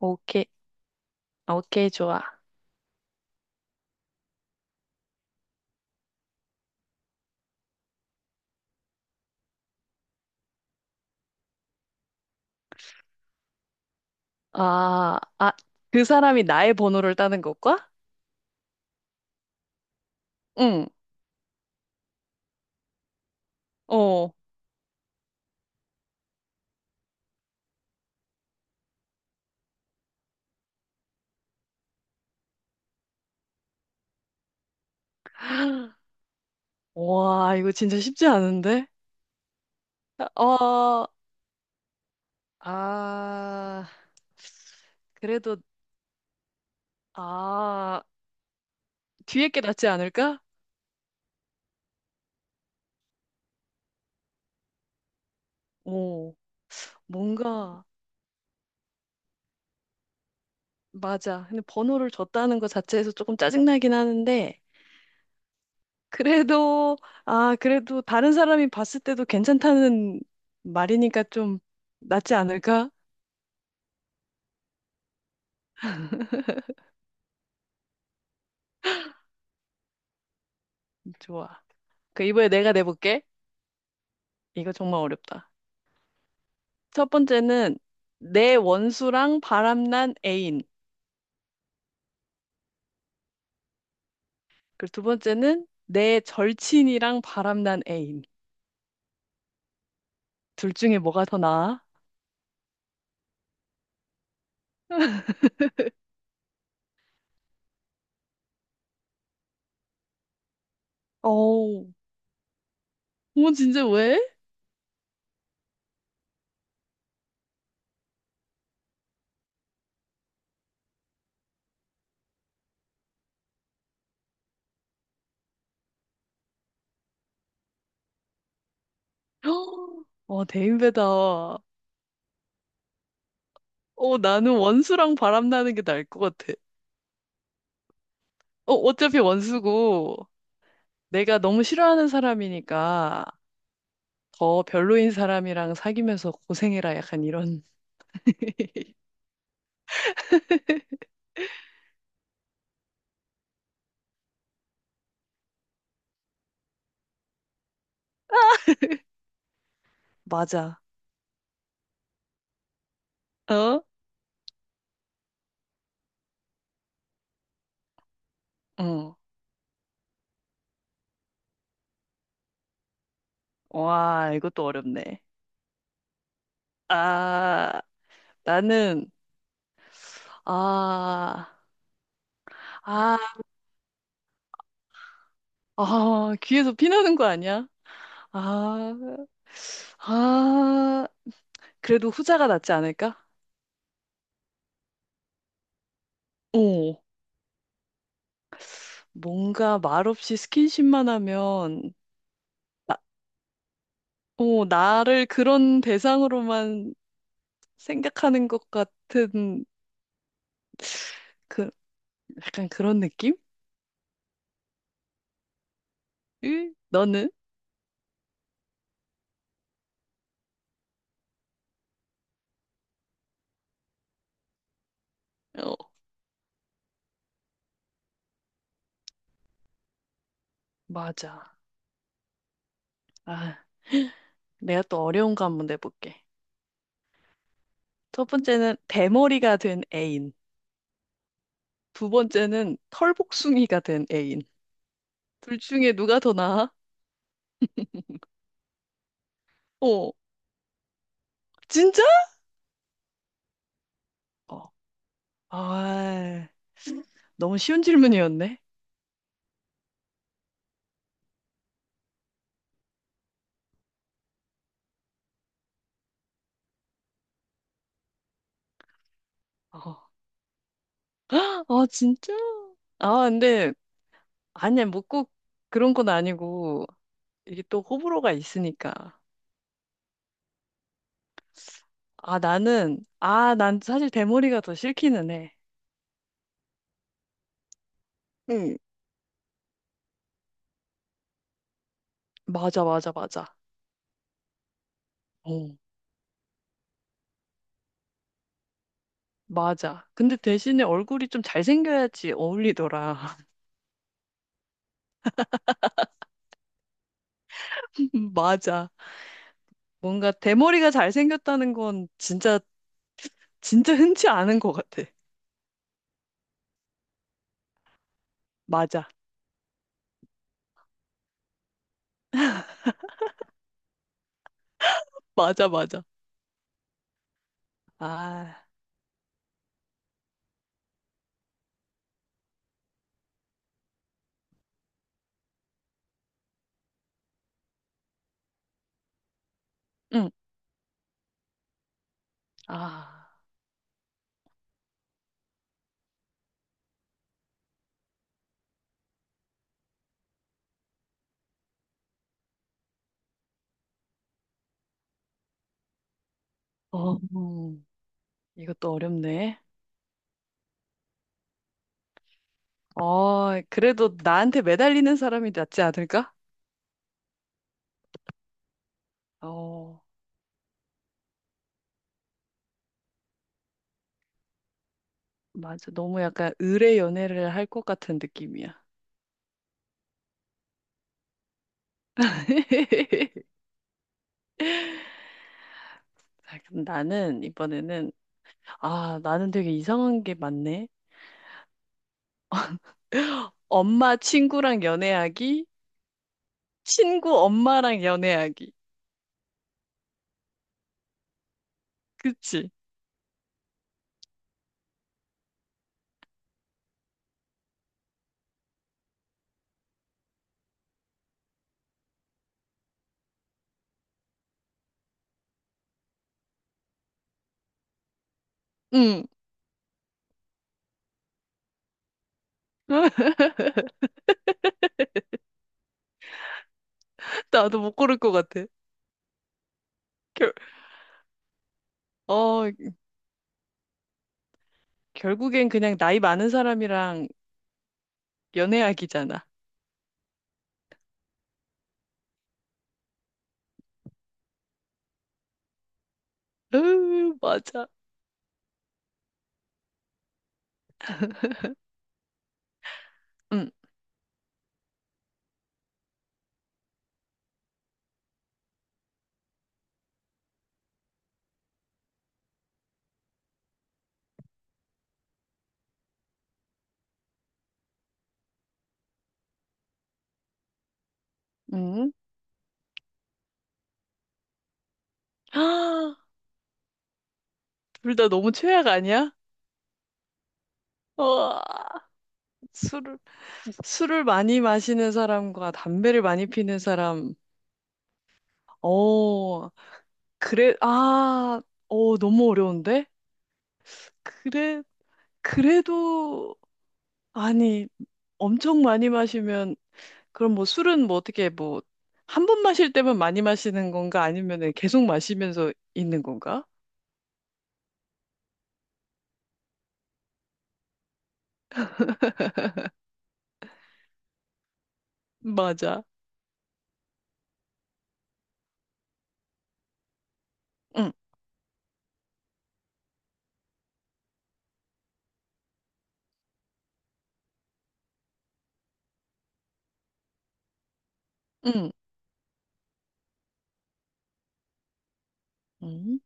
오케이, 오케이, 좋아. 아, 아, 그 사람이 나의 번호를 따는 것과? 응, 어. 와, 이거 진짜 쉽지 않은데? 어, 아, 그래도, 아, 뒤에 게 낫지 않을까? 오, 뭔가, 맞아. 근데 번호를 줬다는 것 자체에서 조금 짜증나긴 하는데, 그래도, 그래도 다른 사람이 봤을 때도 괜찮다는 말이니까 좀 낫지 않을까? 좋아. 그 이번에 내가 내볼게. 이거 정말 어렵다. 첫 번째는 내 원수랑 바람난 애인. 그리고 두 번째는 내 절친이랑 바람난 애인. 둘 중에 뭐가 더 나아? 어우, 어머 진짜 왜? 어, 대인배다. 어, 나는 원수랑 바람나는 게 나을 것 같아. 어, 어차피 원수고 내가 너무 싫어하는 사람이니까 더 별로인 사람이랑 사귀면서 고생해라 약간 이런. 맞아. 어? 응. 와, 이것도 어렵네. 아, 나는, 아, 아, 귀에서 피 나는 거 아니야? 아, 아, 그래도 후자가 낫지 않을까? 오, 뭔가 말없이 스킨십만 하면, 오, 나를 그런 대상으로만 생각하는 것 같은, 그, 약간 그런 느낌? 으, 너는? 어, 맞아. 아, 내가 또 어려운 거 한번 내볼게. 첫 번째는 대머리가 된 애인. 두 번째는 털복숭이가 된 애인. 둘 중에 누가 더 나아? 어, 진짜? 어, 아, 너무 쉬운 질문이었네. 어, 헉, 아, 진짜? 아, 근데, 아니야, 뭐 꼭 그런 건 아니고, 이게 또 호불호가 있으니까. 나는, 아, 난 사실 대머리가 더 싫기는 해. 응. 맞아, 맞아, 맞아. 어, 맞아. 근데 대신에 얼굴이 좀 잘생겨야지 어울리더라. 맞아. 뭔가 대머리가 잘생겼다는 건 진짜, 진짜 흔치 않은 것 같아. 맞아. 맞아, 맞아. 아, 응. 아, 어, 이것도 어렵네. 어, 그래도 나한테 매달리는 사람이 낫지 않을까? 어, 맞아. 너무 약간 의뢰 연애를 할 것 같은 느낌이야. 자, 그럼 나는 이번에는, 아, 나는 되게 이상한 게 많네. 엄마 친구랑 연애하기, 친구 엄마랑 연애하기. 그치? 응. 나도 못 고를 것 같아. 결, 어, 결국엔 그냥 나이 많은 사람이랑 연애하기잖아. 으, 맞아. 응, 응. 둘 다 너무 최악 아니야? 와, 술을, 술을 많이 마시는 사람과 담배를 많이 피는 사람. 어, 그래, 아, 어, 너무 어려운데? 그래, 그래도, 아니, 엄청 많이 마시면 그럼 뭐 술은 뭐 어떻게 뭐 한 번 마실 때만 많이 마시는 건가? 아니면은 계속 마시면서 있는 건가? 맞아. 응, 응, 응,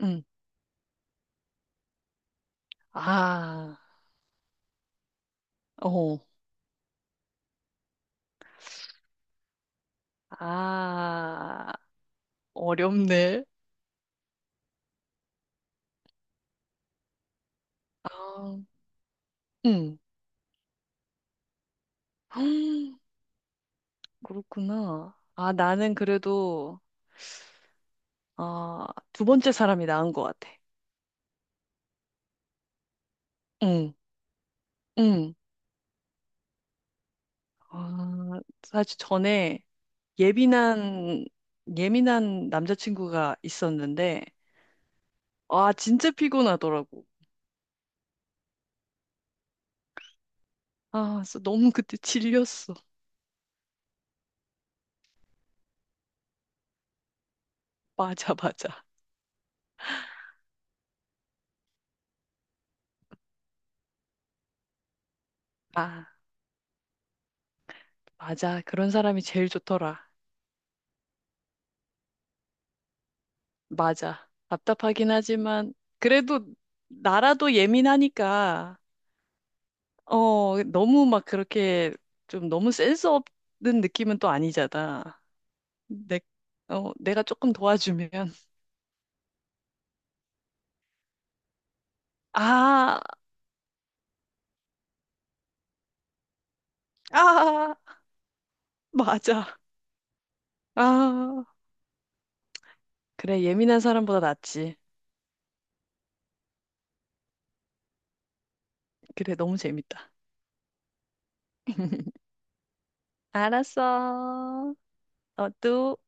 응. 아, 어, 아, 어렵네. 아, 응. 헉, 그렇구나. 아, 나는 그래도, 아, 두 번째 사람이 나은 것 같아. 응, 응. 아, 사실 전에 예민한, 예민한 남자친구가 있었는데, 아, 진짜 피곤하더라고. 아, 그래서 너무 그때 질렸어. 맞아, 맞아. 아, 맞아. 그런 사람이 제일 좋더라. 맞아. 답답하긴 하지만, 그래도 나라도 예민하니까, 어, 너무 막 그렇게 좀 너무 센스 없는 느낌은 또 아니잖아. 내, 어, 내가 조금 도와주면, 아, 아, 맞아. 아, 그래. 예민한 사람보다 낫지. 그래. 너무 재밌다. 알았어. 어, 또.